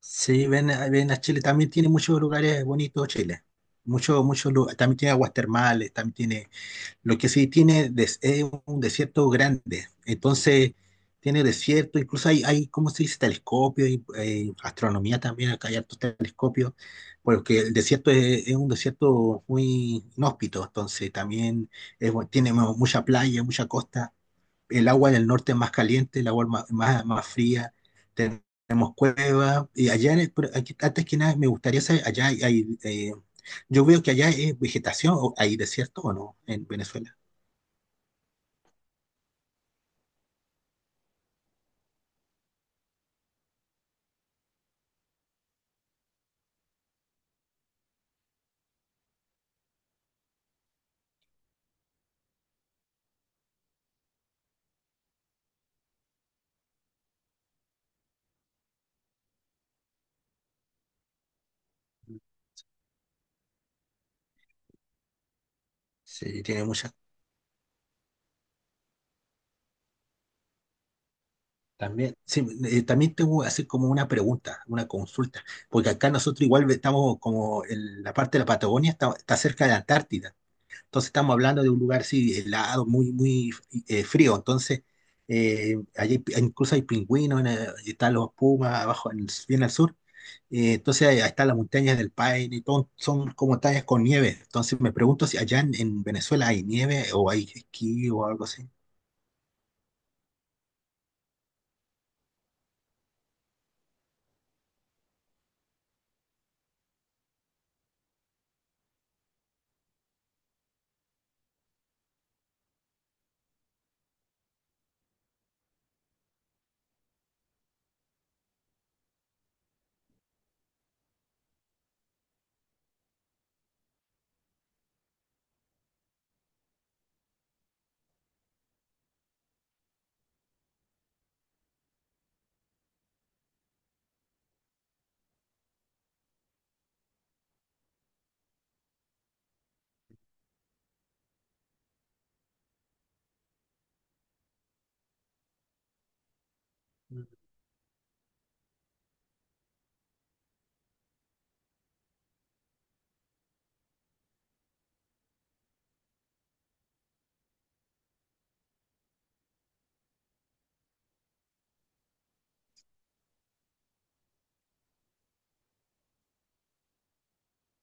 Sí, ven, ven a Chile. También tiene muchos lugares bonitos Chile. Muchos, muchos. También tiene aguas termales, también tiene. Lo que sí tiene es un desierto grande. Entonces, tiene desierto, incluso hay ¿cómo se dice? Telescopios, y, astronomía también, acá hay hartos telescopios, porque el desierto es un desierto muy inhóspito, entonces también tiene mucha playa, mucha costa. El agua en el norte es más caliente, el agua es más fría, tenemos cuevas, y allá, en el- pero aquí- antes que nada, me gustaría saber, allá hay, yo veo que allá es vegetación, o hay desierto o no, en Venezuela. Sí, tiene muchas. También, sí, también te voy a hacer como una pregunta, una consulta, porque acá nosotros igual estamos como en la parte de la Patagonia, está cerca de la Antártida. Entonces estamos hablando de un lugar sí, helado, muy frío. Entonces, incluso hay pingüinos, y están los pumas abajo, bien al sur. Entonces, ahí están las montañas del Paine, y todo, son como montañas con nieve. Entonces, me pregunto si allá en Venezuela hay nieve o hay esquí o algo así.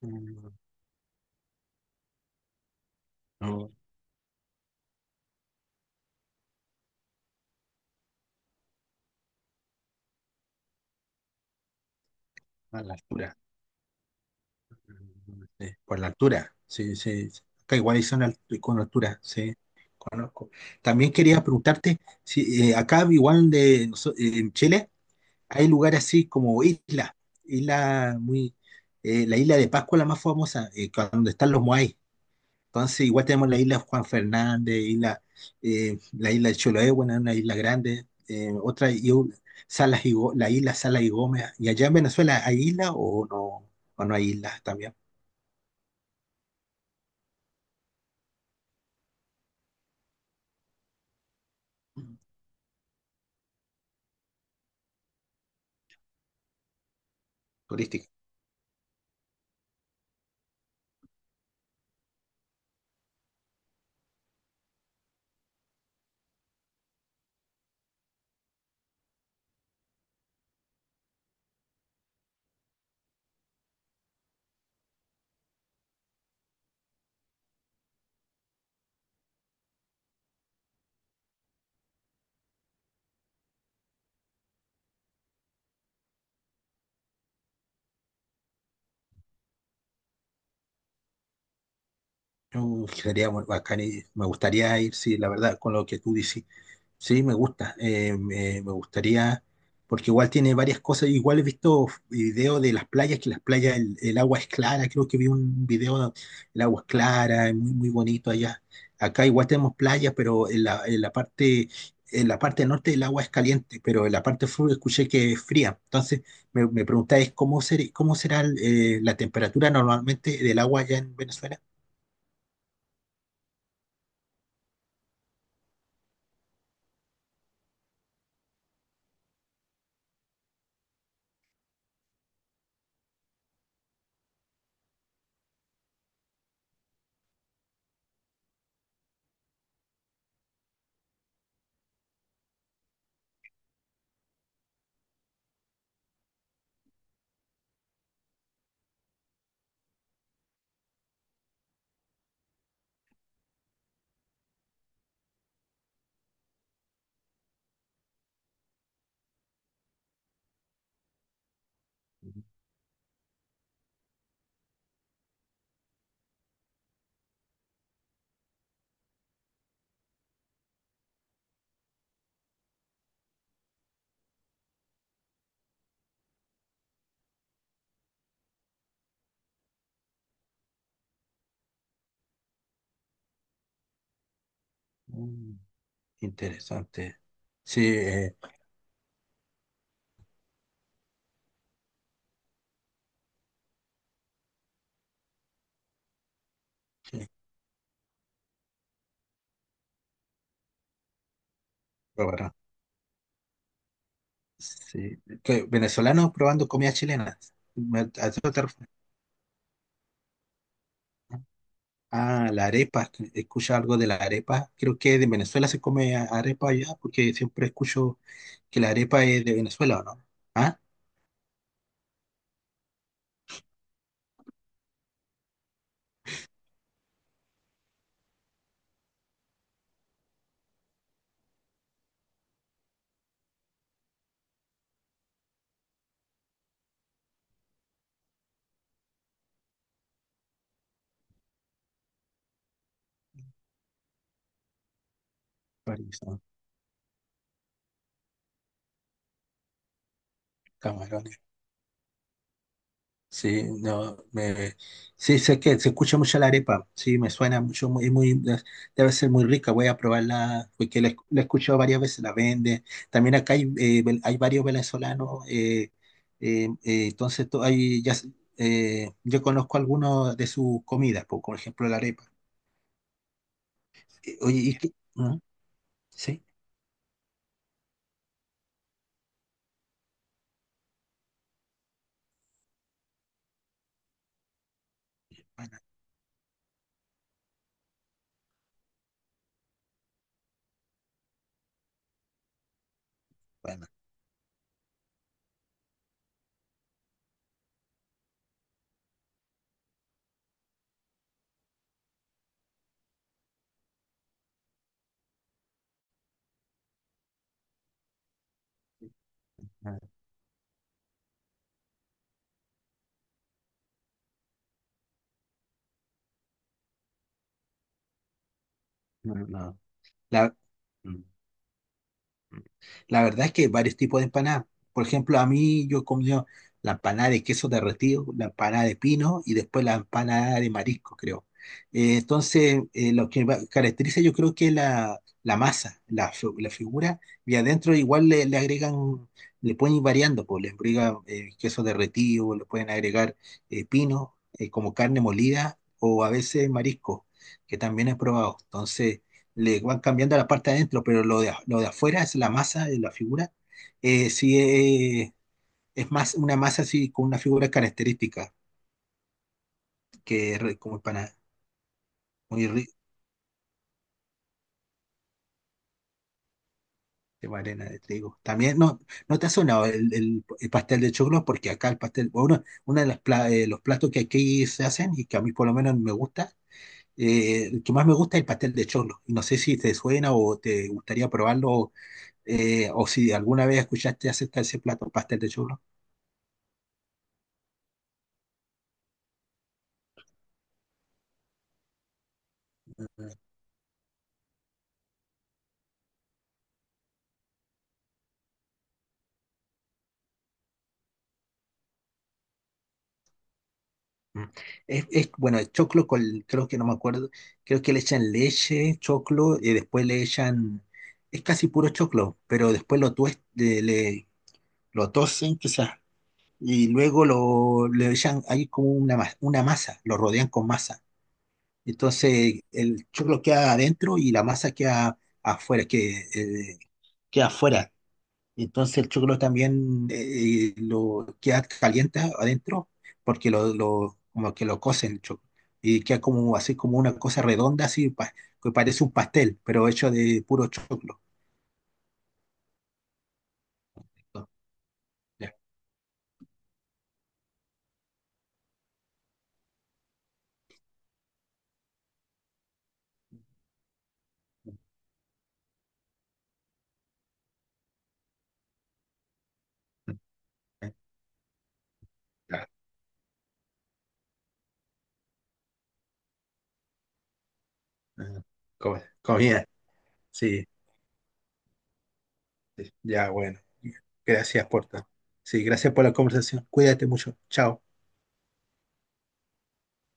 Mm, no, a la altura. Por la altura, sí, sí, sí. Acá igual hay zona con altura, sí, conozco. También quería preguntarte si acá igual en Chile hay lugares así como islas, isla muy, la isla de Pascua la más famosa, donde están los Moai. Entonces igual tenemos la isla Juan Fernández, isla, la isla de Chiloé, bueno, es una isla grande, otra, la isla Salas y Gómez. ¿Y allá en Venezuela hay isla o no hay islas también? Turística. Sería muy bacán y me gustaría ir, sí, la verdad, con lo que tú dices. Sí, me gusta, me gustaría, porque igual tiene varias cosas. Igual he visto videos de las playas, que las playas, el agua es clara. Creo que vi un video, donde el agua es clara, es muy bonito allá. Acá igual tenemos playas, pero en la parte norte el agua es caliente, pero en la parte sur escuché que es fría. Entonces, me preguntáis cómo ser, cómo será la temperatura normalmente del agua allá en Venezuela. Mm, interesante. Sí, sí, probará. Sí. Que Venezolanos probando comida chilena. ¿A eso te refieres? Ah, la arepa. Escucha algo de la arepa. Creo que de Venezuela se come arepa allá porque siempre escucho que la arepa es de Venezuela, ¿o no? Ah, chorizo, camarones. Sí, no, me, sí, sé que se escucha mucho la arepa, sí, me suena mucho, muy, muy, debe ser muy rica, voy a probarla, porque la he escuchado varias veces, la vende. También acá hay, hay varios venezolanos, hay, ya, yo conozco algunos de sus comidas, po, por, ejemplo la arepa. Oye, ¿y qué? ¿Mm? ¿Sí? Bueno, bueno, no, no, no, la- La verdad es que hay varios tipos de empanadas. Por ejemplo, a mí yo he comido la empanada de queso derretido, la empanada de pino y después la empanada de marisco, creo. Entonces, lo que caracteriza yo creo que es la masa, la figura, y adentro igual le agregan, le pueden ir variando, pues, le agregan queso derretido, le pueden agregar pino, como carne molida o a veces marisco, que también he probado. Entonces, le van cambiando la parte de adentro, pero lo de afuera es la masa de la figura. eh, sí, eh, es más una masa así con una figura característica, que es re- como para muy rica, de arena de trigo. También, no, no te ha sonado el pastel de choclo, porque acá el pastel, bueno, uno de los platos que aquí se hacen y que a mí por lo menos me gusta, el que más me gusta es el pastel de choclo. Y no sé si te suena o te gustaría probarlo, o si alguna vez escuchaste acerca de ese plato, pastel de choclo. Mm. Bueno, el choclo con, creo que no me acuerdo, creo que le echan leche, choclo, y después le echan, es casi puro choclo, pero después lo tues- le- lo tosen quizás, y luego le echan, hay como una, una masa, lo rodean con masa. Entonces el choclo queda adentro y la masa queda afuera, que, queda afuera. Entonces el choclo también lo queda caliente adentro porque como que lo cocen el choclo. Y queda como así como una cosa redonda, que parece un pastel, pero hecho de puro choclo. Ya, ya, ah, comida, sí, sí, ya bueno. Gracias por todo. Sí, gracias por la conversación. Cuídate mucho. Chao.